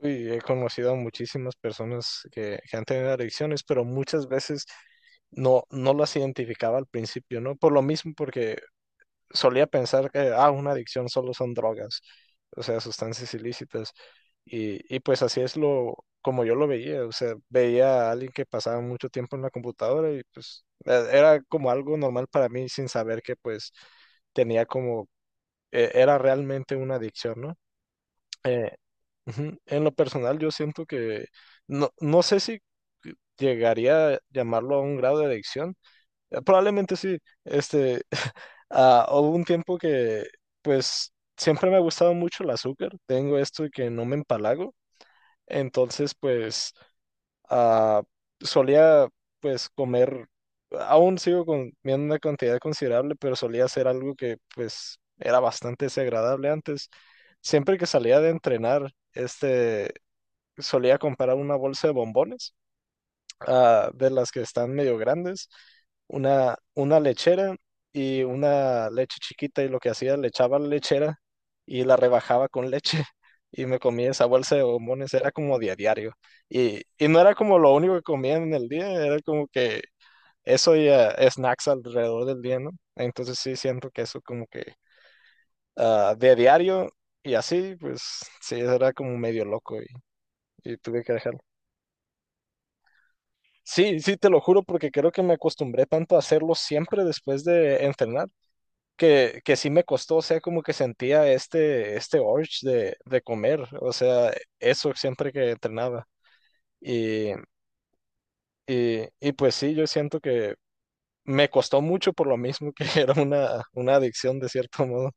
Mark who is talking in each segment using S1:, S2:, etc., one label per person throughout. S1: Uy, he conocido a muchísimas personas que han tenido adicciones, pero muchas veces no las identificaba al principio, ¿no? Por lo mismo, porque solía pensar que, una adicción solo son drogas, o sea, sustancias ilícitas. Y pues como yo lo veía, o sea, veía a alguien que pasaba mucho tiempo en la computadora y pues era como algo normal para mí sin saber que pues tenía como, era realmente una adicción, ¿no? Eh, Ujú. En lo personal, yo siento que no sé si llegaría a llamarlo a un grado de adicción. Probablemente sí. Este, hubo un tiempo que, pues, siempre me ha gustado mucho el azúcar. Tengo esto de que no me empalago. Entonces, pues, ah, solía, pues, comer. Aún sigo comiendo una cantidad considerable, pero solía hacer algo que, pues, era bastante desagradable antes. Siempre que salía de entrenar, este solía comprar una bolsa de bombones, de las que están medio grandes, una lechera y una leche chiquita y lo que hacía, le echaba la lechera y la rebajaba con leche y me comía esa bolsa de bombones, era como día a diario. Y no era como lo único que comía en el día, era como que eso y snacks alrededor del día, ¿no? Entonces sí siento que eso como que de a diario y así, pues sí, era como medio loco y tuve que dejarlo. Sí, sí, te lo juro porque creo que me acostumbré tanto a hacerlo siempre después de entrenar, que sí me costó, o sea, como que sentía este urge de comer, o sea, eso siempre que entrenaba. Y, y pues sí, yo siento que me costó mucho por lo mismo que era una adicción de cierto modo.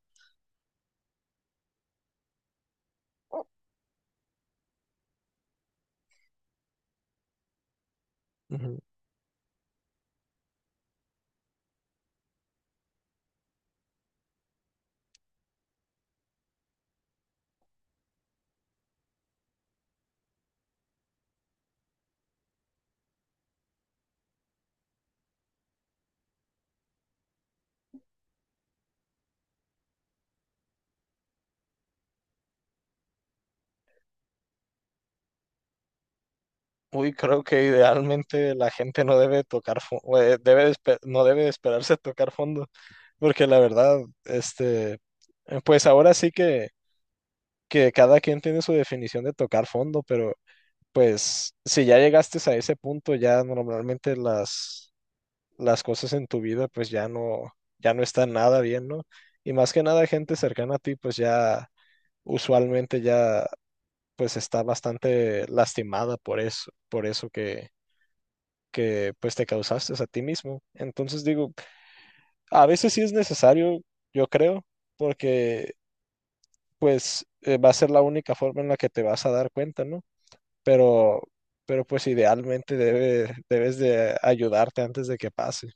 S1: Ujú. Uy, creo que idealmente la gente no debe tocar, debe de no debe de esperarse tocar fondo, porque la verdad, este, pues ahora sí que cada quien tiene su definición de tocar fondo, pero pues si ya llegaste a ese punto, ya normalmente las cosas en tu vida ya no están nada bien, ¿no? Y más que nada gente cercana a ti pues ya usualmente ya pues está bastante lastimada por eso, que pues te causaste a ti mismo. Entonces digo, a veces sí es necesario, yo creo, porque pues va a ser la única forma en la que te vas a dar cuenta, ¿no? pero, pero pues idealmente debes de ayudarte antes de que pase.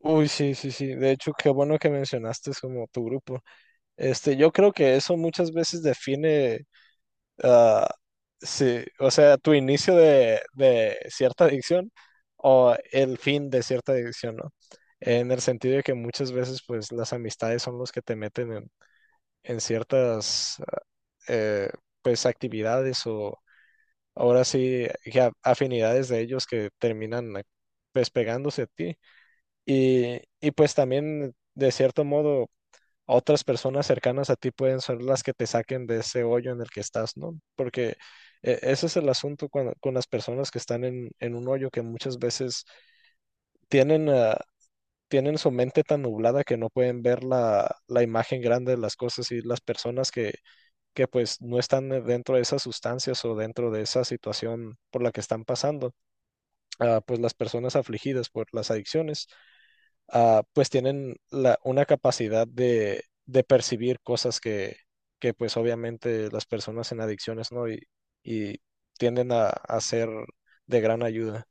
S1: Uy, sí, sí, sí. De hecho, qué bueno que mencionaste es como tu grupo. Este, yo creo que eso muchas veces define, ah, sí, o sea, tu inicio de cierta adicción o el fin de cierta adicción, ¿no? En el sentido de que muchas veces, pues, las amistades son los que te meten en ciertas, eh, pues, actividades o ahora sí, ya afinidades de ellos que terminan pues pegándose a ti. Y pues también, de cierto modo, otras personas cercanas a ti pueden ser las que te saquen de ese hoyo en el que estás, ¿no? Porque ese es el asunto cuando con las personas que están en un hoyo que muchas veces tienen, ah, tienen su mente tan nublada que no pueden ver la imagen grande de las cosas y las personas que pues no están dentro de esas sustancias o dentro de esa situación por la que están pasando pues las personas afligidas por las adicciones, pues tienen la, una capacidad de percibir cosas que pues obviamente las personas en adicciones no y tienden a ser de gran ayuda.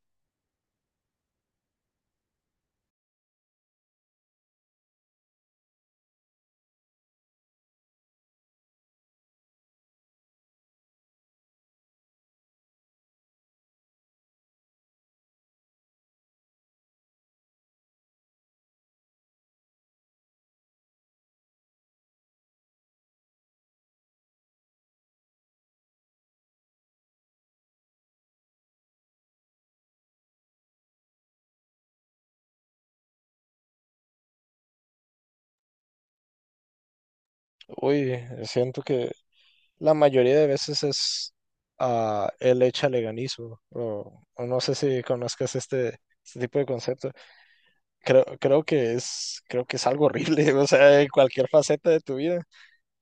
S1: Uy, siento que la mayoría de veces es el echaleganismo, o no sé si conozcas este tipo de concepto. Creo que es algo horrible, o sea, en cualquier faceta de tu vida.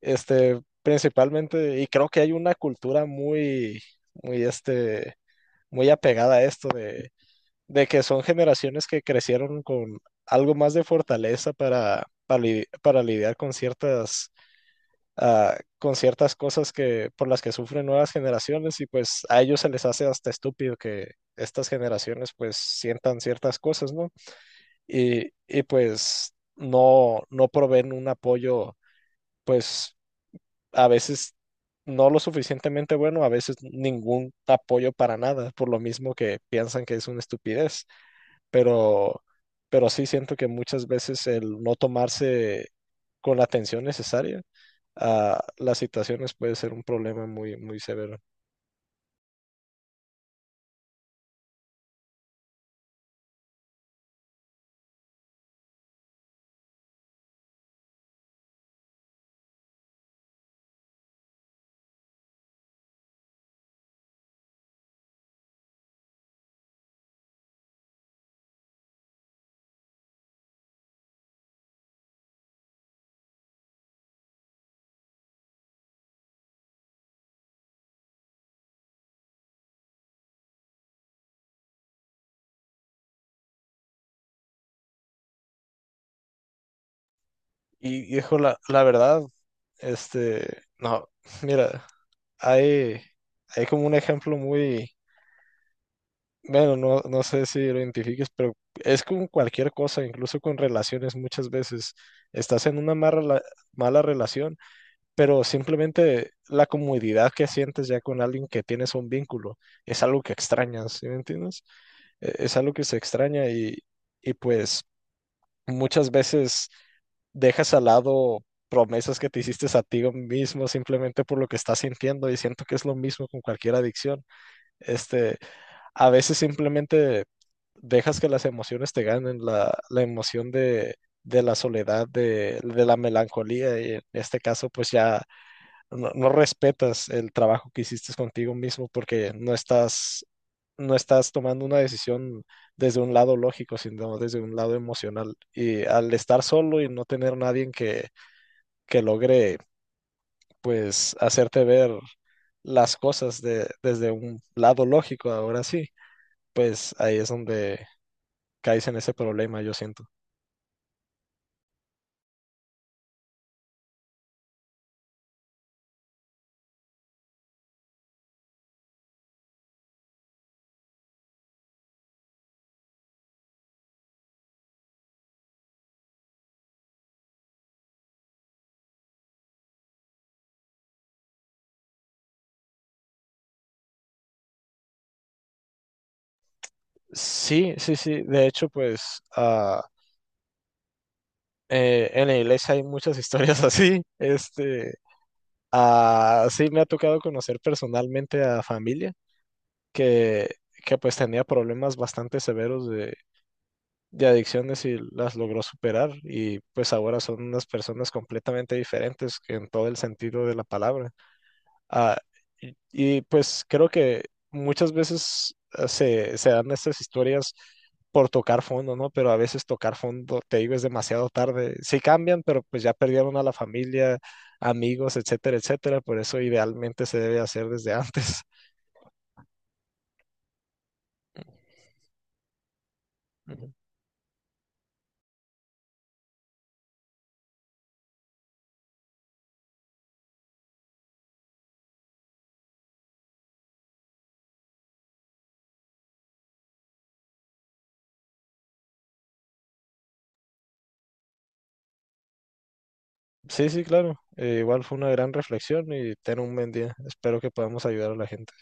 S1: Este, principalmente, y creo que hay una cultura muy, muy, este, muy apegada a esto de que son generaciones que crecieron con algo más de fortaleza para lidiar con ciertas, con ciertas cosas por las que sufren nuevas generaciones y pues a ellos se les hace hasta estúpido que estas generaciones pues sientan ciertas cosas, ¿no? Y pues no, no proveen un apoyo pues a veces no lo suficientemente bueno, a veces ningún apoyo para nada, por lo mismo que piensan que es una estupidez, pero, pero sí siento que muchas veces el no tomarse con la atención necesaria a las situaciones puede ser un problema muy, muy severo. Y hijo, la verdad, este, no, mira, hay, hay como un ejemplo muy, bueno, no, no sé si lo identifiques, pero es con cualquier cosa, incluso con relaciones muchas veces. Estás en una mala, rela- mala relación, pero simplemente la comodidad que sientes ya con alguien que tienes un vínculo es algo que extrañas, ¿sí me entiendes? Es algo que se extraña y pues muchas veces dejas al lado promesas que te hiciste a ti mismo simplemente por lo que estás sintiendo y siento que es lo mismo con cualquier adicción. Este, a veces simplemente dejas que las emociones te ganen, la emoción de la soledad, de la melancolía, y en este caso pues ya no respetas el trabajo que hiciste contigo mismo porque no estás tomando una decisión desde un lado lógico, sino desde un lado emocional. Y al estar solo y no tener nadie que logre pues hacerte ver las cosas desde un lado lógico, ahora sí, pues ahí es donde caes en ese problema, yo siento. Sí, sí, sí. De hecho, pues en la iglesia hay muchas historias así. Este, ah, sí, me ha tocado conocer personalmente a familia que, que pues tenía problemas bastante severos de adicciones y las logró superar y pues ahora son unas personas completamente diferentes en todo el sentido de la palabra. Ah, pues creo que muchas veces se dan estas historias por tocar fondo, ¿no? Pero a veces tocar fondo, te digo, es demasiado tarde. Sí cambian, pero pues ya perdieron a la familia, amigos, etcétera, etcétera. Por eso idealmente se debe hacer desde antes. Ujú. Sí, sí, claro. Igual fue una gran reflexión y ten un buen día. Espero que podamos ayudar a la gente.